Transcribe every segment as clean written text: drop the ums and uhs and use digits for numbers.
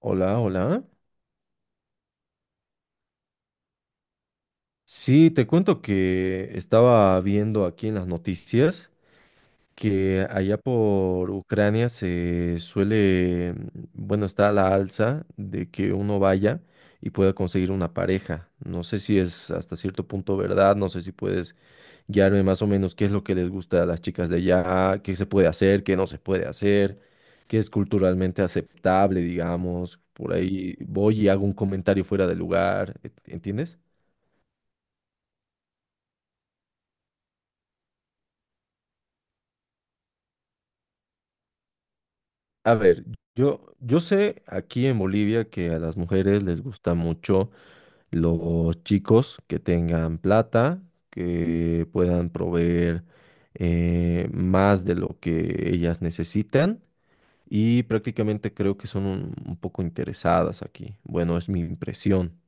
Hola, hola. Sí, te cuento que estaba viendo aquí en las noticias que allá por Ucrania se suele, bueno, está a la alza de que uno vaya y pueda conseguir una pareja. No sé si es hasta cierto punto verdad, no sé si puedes guiarme más o menos qué es lo que les gusta a las chicas de allá, qué se puede hacer, qué no se puede hacer, qué es culturalmente aceptable, digamos. Por ahí voy y hago un comentario fuera de lugar, ¿entiendes? A ver, yo sé aquí en Bolivia que a las mujeres les gusta mucho los chicos que tengan plata, que puedan proveer más de lo que ellas necesitan y prácticamente creo que son un poco interesadas aquí. Bueno, es mi impresión.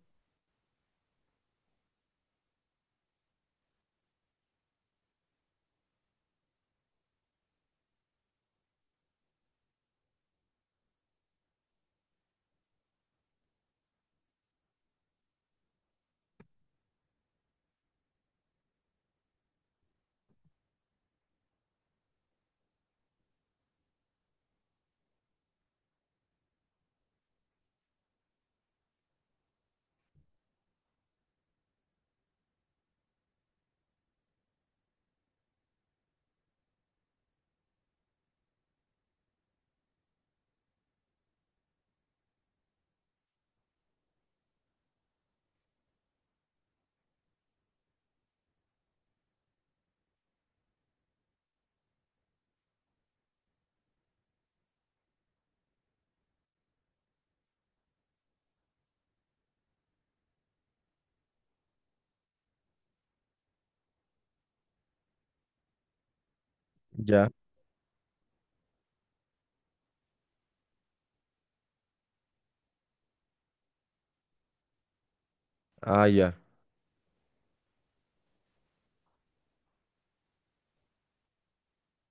Ya. Ah, ya.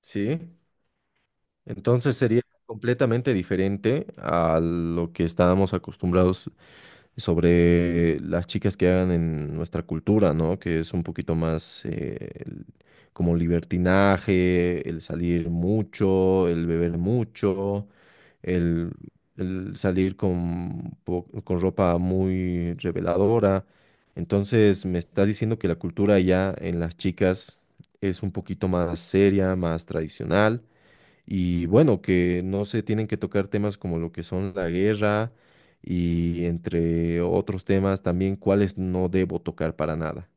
Sí. Entonces sería completamente diferente a lo que estábamos acostumbrados sobre las chicas que hagan en nuestra cultura, ¿no? Que es un poquito más como libertinaje, el salir mucho, el beber mucho, el, el salir con, con ropa muy reveladora. Entonces me está diciendo que la cultura ya en las chicas es un poquito más seria, más tradicional. Y bueno, que no se tienen que tocar temas como lo que son la guerra y entre otros temas también cuáles no debo tocar para nada.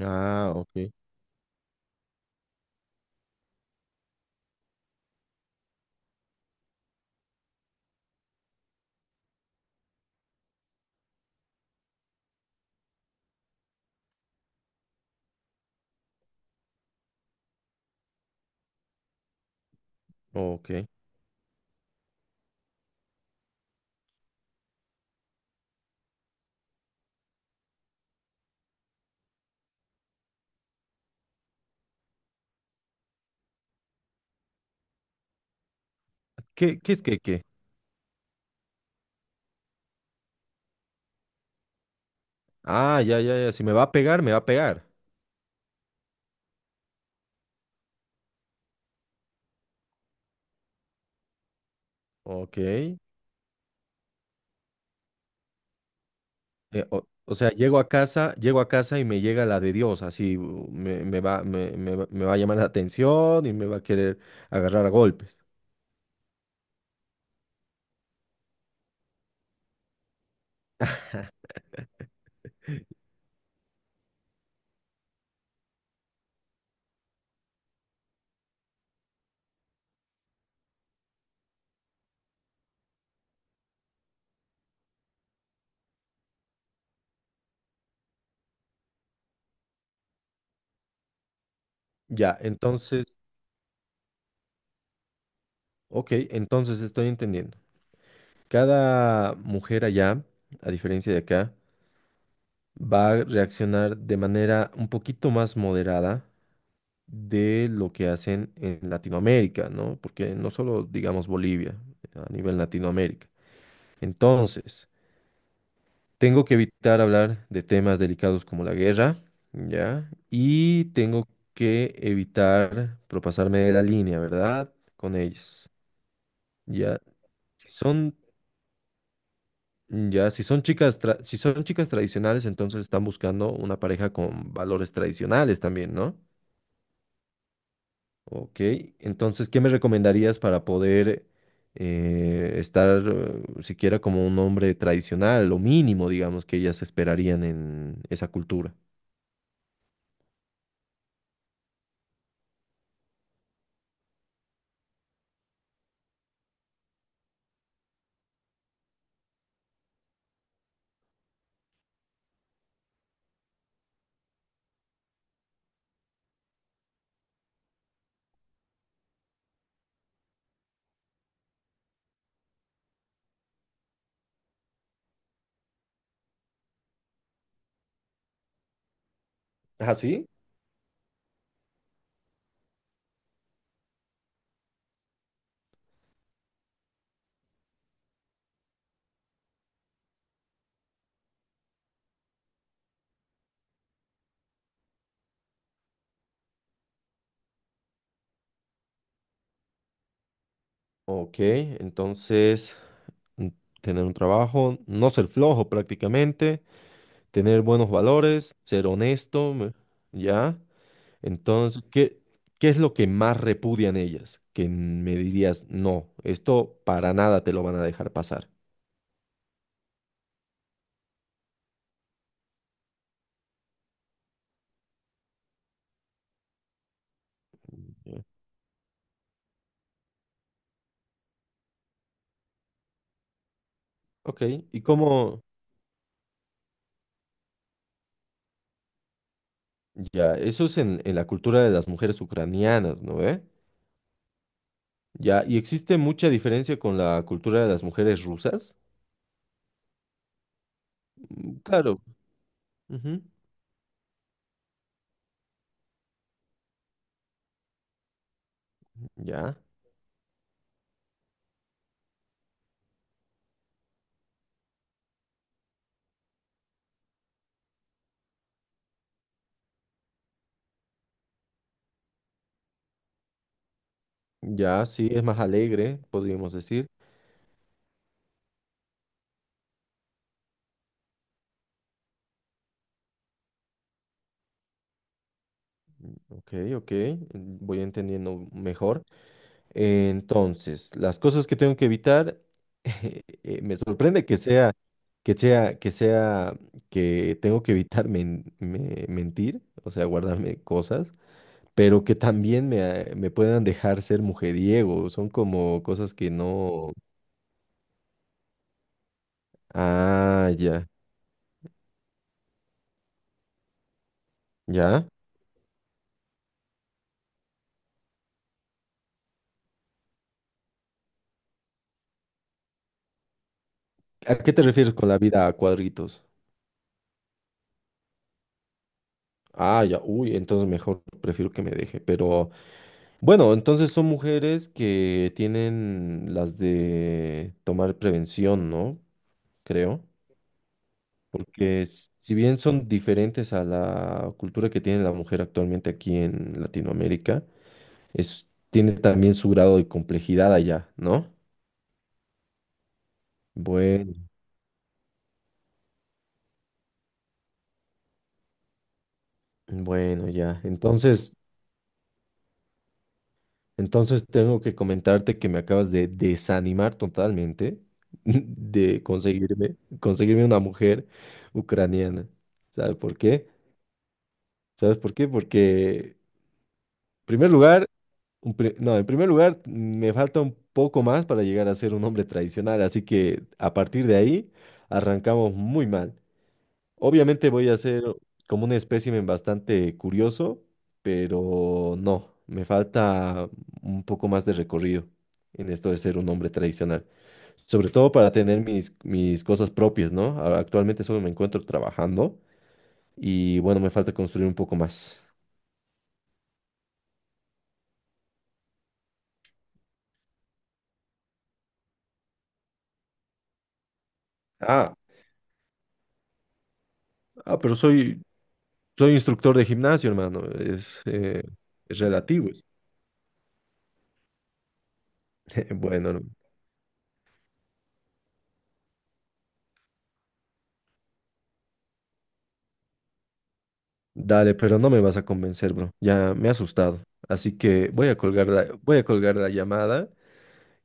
Ah, ok, ok. ¿Qué es que qué? Ah, ya, ya, ya. Si me va a pegar, me va a pegar. Ok. O sea, llego a casa y me llega la de Dios, así me va a llamar la atención y me va a querer agarrar a golpes. Ya, entonces, ok, entonces estoy entendiendo. Cada mujer allá, a diferencia de acá, va a reaccionar de manera un poquito más moderada de lo que hacen en Latinoamérica, ¿no? Porque no solo digamos Bolivia, a nivel Latinoamérica. Entonces, tengo que evitar hablar de temas delicados como la guerra, ¿ya? Y tengo que evitar propasarme de la línea, ¿verdad? Con ellas, ¿ya? Si son. Ya, si son chicas, si son chicas tradicionales, entonces están buscando una pareja con valores tradicionales también, ¿no? Ok, entonces, ¿qué me recomendarías para poder estar siquiera como un hombre tradicional, lo mínimo, digamos, que ellas esperarían en esa cultura? ¿Ah, sí? Ok, entonces, mm, tener un trabajo, no ser flojo prácticamente, tener buenos valores, ser honesto, me. ¿Ya? Entonces, qué es lo que más repudian ellas? Que me dirías, no, esto para nada te lo van a dejar pasar. Ya. Ok, ¿y cómo? Ya, eso es en la cultura de las mujeres ucranianas, ¿no ve? Ya, ¿y existe mucha diferencia con la cultura de las mujeres rusas? Mm, claro. Ujú. Ya, ya, sí, es más alegre, podríamos decir. Ok, ok, voy entendiendo mejor. Entonces, las cosas que tengo que evitar, me sorprende que sea, que sea, que sea, que tengo que evitar mentir, o sea, guardarme cosas, pero que también me puedan dejar ser mujeriego. Son como cosas que no. Ah, ya, ya. ¿A qué te refieres con la vida a cuadritos? Ah, ya, uy, entonces mejor prefiero que me deje, pero. Bueno, entonces son mujeres que tienen las de tomar prevención, ¿no? Creo, porque si bien son diferentes a la cultura que tiene la mujer actualmente aquí en Latinoamérica, es, tiene también su grado de complejidad allá, ¿no? Bueno, bueno, ya. Entonces, entonces tengo que comentarte que me acabas de desanimar totalmente de conseguirme, conseguirme una mujer ucraniana. ¿Sabe por qué? ¿Sabes por qué? Porque, en primer lugar, no, en primer lugar, me falta un poco más para llegar a ser un hombre tradicional, así que a partir de ahí arrancamos muy mal. Obviamente voy a ser como un espécimen bastante curioso, pero no, me falta un poco más de recorrido en esto de ser un hombre tradicional, sobre todo para tener mis cosas propias, ¿no? Ahora, actualmente solo me encuentro trabajando y bueno, me falta construir un poco más. Ah, ah, pero soy, soy instructor de gimnasio, hermano. Es relativo. Es bueno, no, dale, pero no me vas a convencer, bro. Ya me he asustado. Así que voy a colgar la, voy a colgar la llamada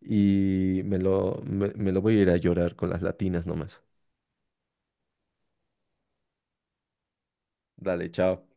y me lo voy a ir a llorar con las latinas nomás. Dale, chao.